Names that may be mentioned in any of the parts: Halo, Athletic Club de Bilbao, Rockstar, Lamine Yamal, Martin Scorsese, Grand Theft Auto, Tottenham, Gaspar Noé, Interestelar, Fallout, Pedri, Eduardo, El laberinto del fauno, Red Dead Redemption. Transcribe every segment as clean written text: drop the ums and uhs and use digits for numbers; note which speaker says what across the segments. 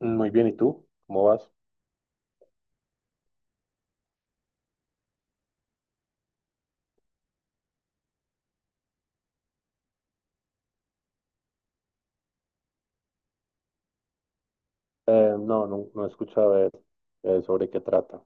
Speaker 1: Muy bien, ¿y tú? ¿Cómo vas? No, no, no he escuchado sobre qué trata.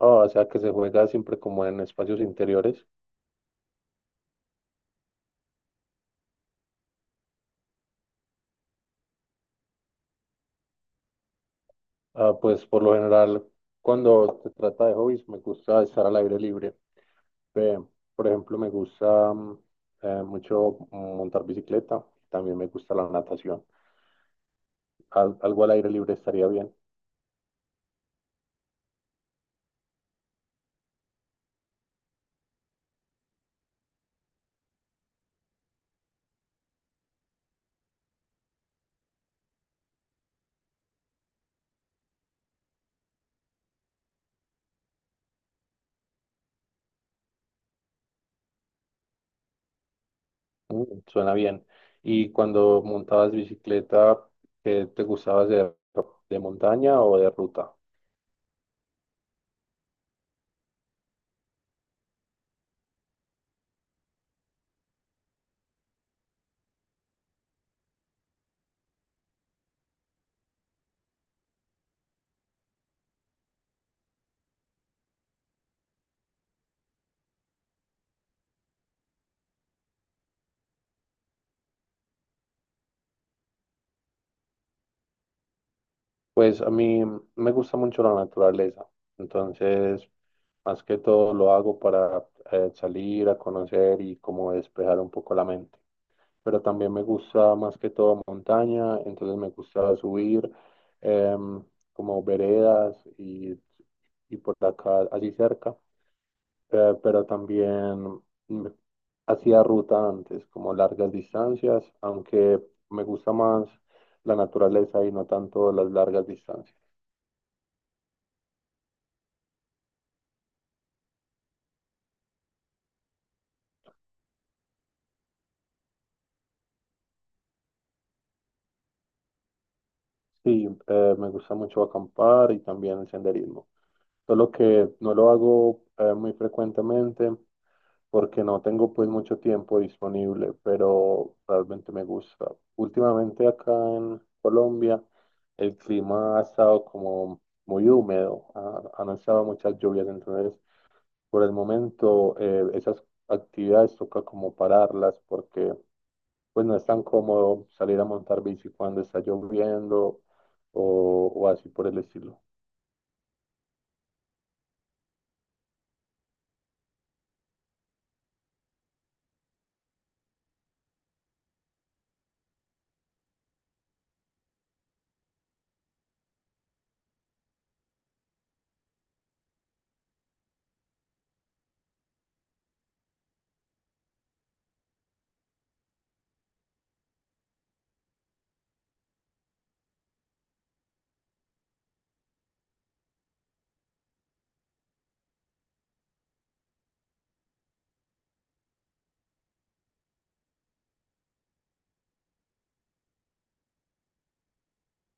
Speaker 1: Ah, o sea, que se juega siempre como en espacios interiores. Ah, pues por lo general, cuando se trata de hobbies, me gusta estar al aire libre. Ve, por ejemplo, me gusta mucho montar bicicleta. También me gusta la natación. Algo al aire libre estaría bien. Suena bien. ¿Y cuando montabas bicicleta, qué te gustaba hacer? ¿De montaña o de ruta? Pues a mí me gusta mucho la naturaleza, entonces más que todo lo hago para salir a conocer y como despejar un poco la mente. Pero también me gusta más que todo montaña, entonces me gusta subir em, como veredas y por acá, así cerca. Pero también mm, hacía ruta antes, como largas distancias, aunque me gusta más la naturaleza y no tanto las largas distancias. Sí, me gusta mucho acampar y también el senderismo. Solo que no lo hago muy frecuentemente porque no tengo pues mucho tiempo disponible, pero realmente me gusta. Últimamente acá en Colombia el clima ha estado como muy húmedo, han estado muchas lluvias, entonces por el momento, esas actividades toca como pararlas porque pues no es tan cómodo salir a montar bici cuando está lloviendo o así por el estilo.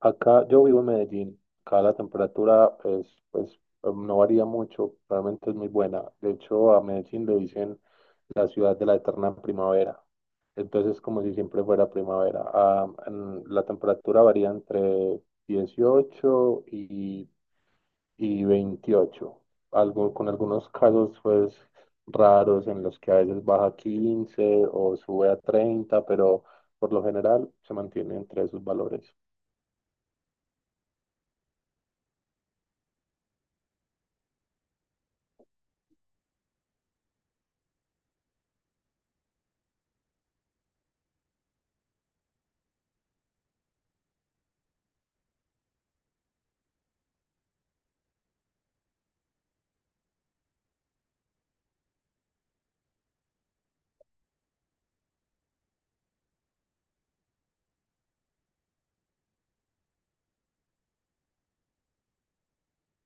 Speaker 1: Acá yo vivo en Medellín, acá la temperatura es, pues no varía mucho, realmente es muy buena. De hecho, a Medellín le dicen la ciudad de la eterna primavera. Entonces, como si siempre fuera primavera. Ah, la temperatura varía entre 18 y 28 algo, con algunos casos pues raros en los que a veces baja a 15 o sube a 30, pero por lo general se mantiene entre esos valores.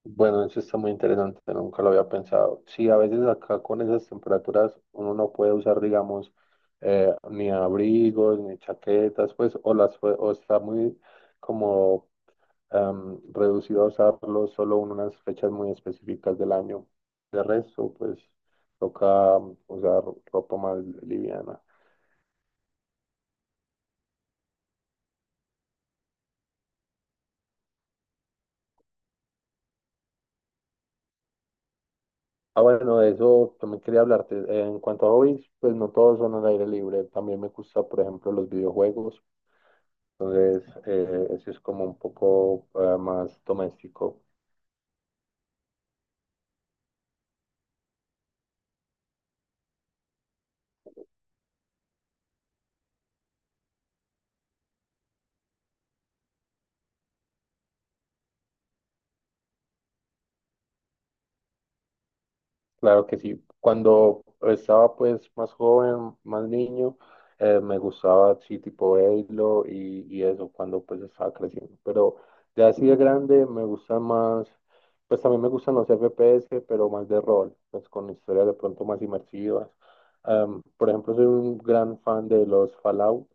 Speaker 1: Bueno, eso está muy interesante, nunca lo había pensado. Sí, a veces acá con esas temperaturas uno no puede usar, digamos, ni abrigos ni chaquetas, pues, o las, o está muy como reducido a usarlo solo en unas fechas muy específicas del año. De resto, pues toca usar ropa más liviana. Ah, bueno, de eso también quería hablarte. En cuanto a hobbies, pues no todos son al aire libre. También me gusta, por ejemplo, los videojuegos. Entonces, eso es como un poco más doméstico. Claro que sí. Cuando estaba pues más joven, más niño, me gustaba sí tipo Halo y eso cuando pues estaba creciendo. Pero ya así de grande me gusta más, pues también me gustan los FPS, pero más de rol, pues con historias de pronto más inmersivas. Por ejemplo, soy un gran fan de los Fallout,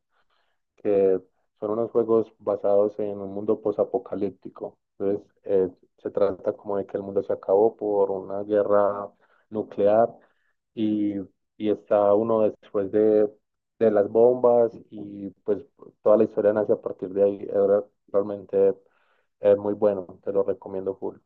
Speaker 1: que son unos juegos basados en un mundo posapocalíptico. Entonces, se trata como de que el mundo se acabó por una guerra nuclear y, y está uno después de, las bombas y pues toda la historia nace a partir de ahí. Es realmente es muy bueno, te lo recomiendo full.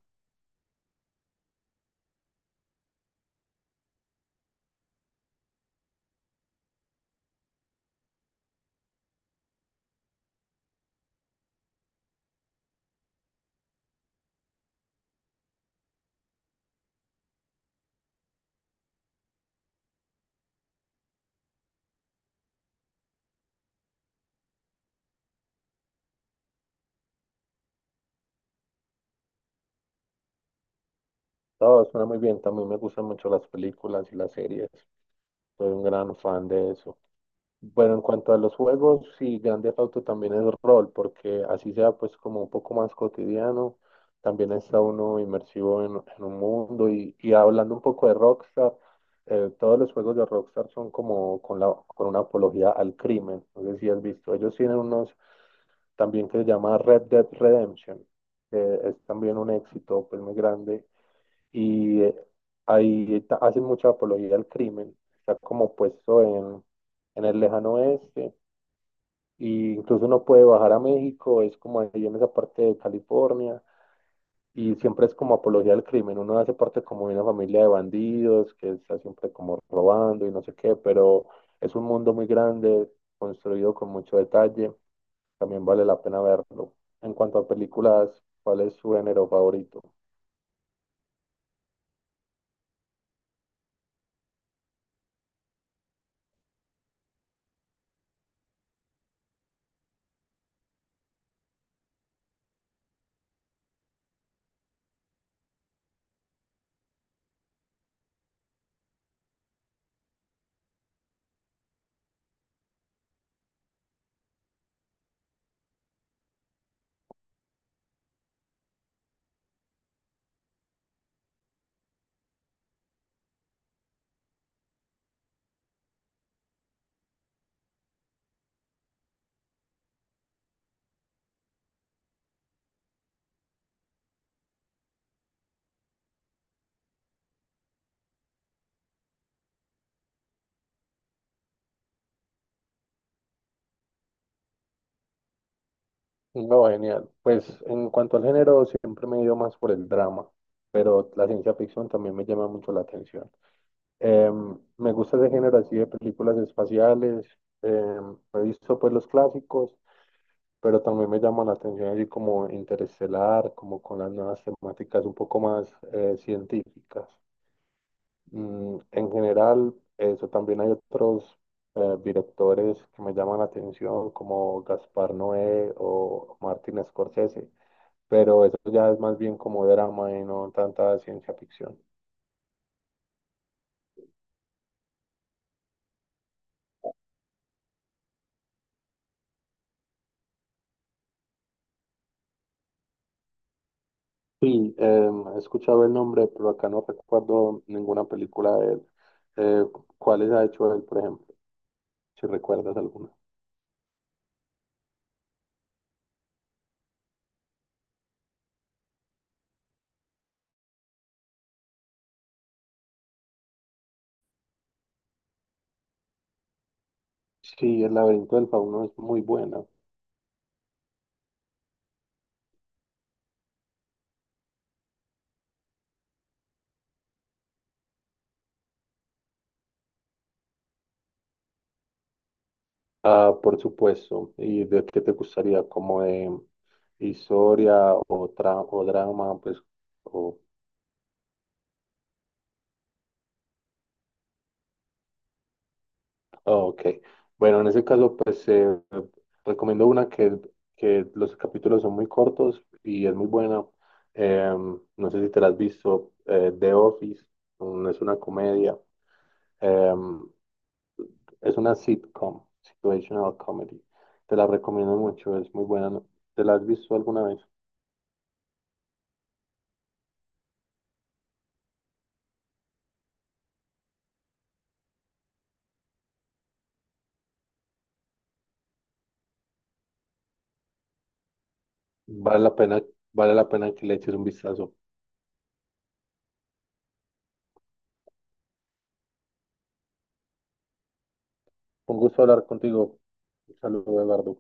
Speaker 1: Todo suena muy bien, también me gustan mucho las películas y las series. Soy un gran fan de eso. Bueno, en cuanto a los juegos, sí, Grand Theft Auto también es rol, porque así sea pues como un poco más cotidiano, también está uno inmersivo en un mundo y hablando un poco de Rockstar, todos los juegos de Rockstar son como con la, con una apología al crimen. No sé si has visto, ellos tienen unos también que se llama Red Dead Redemption, que es también un éxito pues muy grande y ahí hacen mucha apología al crimen. Está como puesto en el lejano oeste, y incluso uno puede bajar a México, es como ahí en esa parte de California, y siempre es como apología al crimen. Uno hace parte como de una familia de bandidos que está siempre como robando y no sé qué, pero es un mundo muy grande, construido con mucho detalle. También vale la pena verlo. En cuanto a películas, ¿cuál es su género favorito? No, genial. Pues en cuanto al género, siempre me he ido más por el drama, pero la ciencia ficción también me llama mucho la atención. Me gusta ese género así de películas espaciales, he visto pues los clásicos, pero también me llama la atención así como Interestelar, como con las nuevas temáticas un poco más científicas. En general, eso también hay otros directores que me llaman la atención, como Gaspar Noé o Martin Scorsese, pero eso ya es más bien como drama y no tanta ciencia ficción. Sí, he escuchado el nombre, pero acá no recuerdo ninguna película de él. Eh, ¿Cuáles ha hecho él, por ejemplo? Si recuerdas alguna. Sí, El laberinto del fauno es muy buena. Ah, por supuesto. ¿Y de qué te gustaría? ¿Como de historia o, o drama? Pues, o. Ok, bueno, en ese caso, pues recomiendo una que, los capítulos son muy cortos y es muy buena. No sé si te la has visto, The Office. Es una comedia. Em, es una sitcom, situational comedy. Te la recomiendo mucho, es muy buena, ¿no? ¿Te la has visto alguna vez? Vale la pena, vale la pena que le eches un vistazo. Un gusto hablar contigo. Un saludo, Eduardo.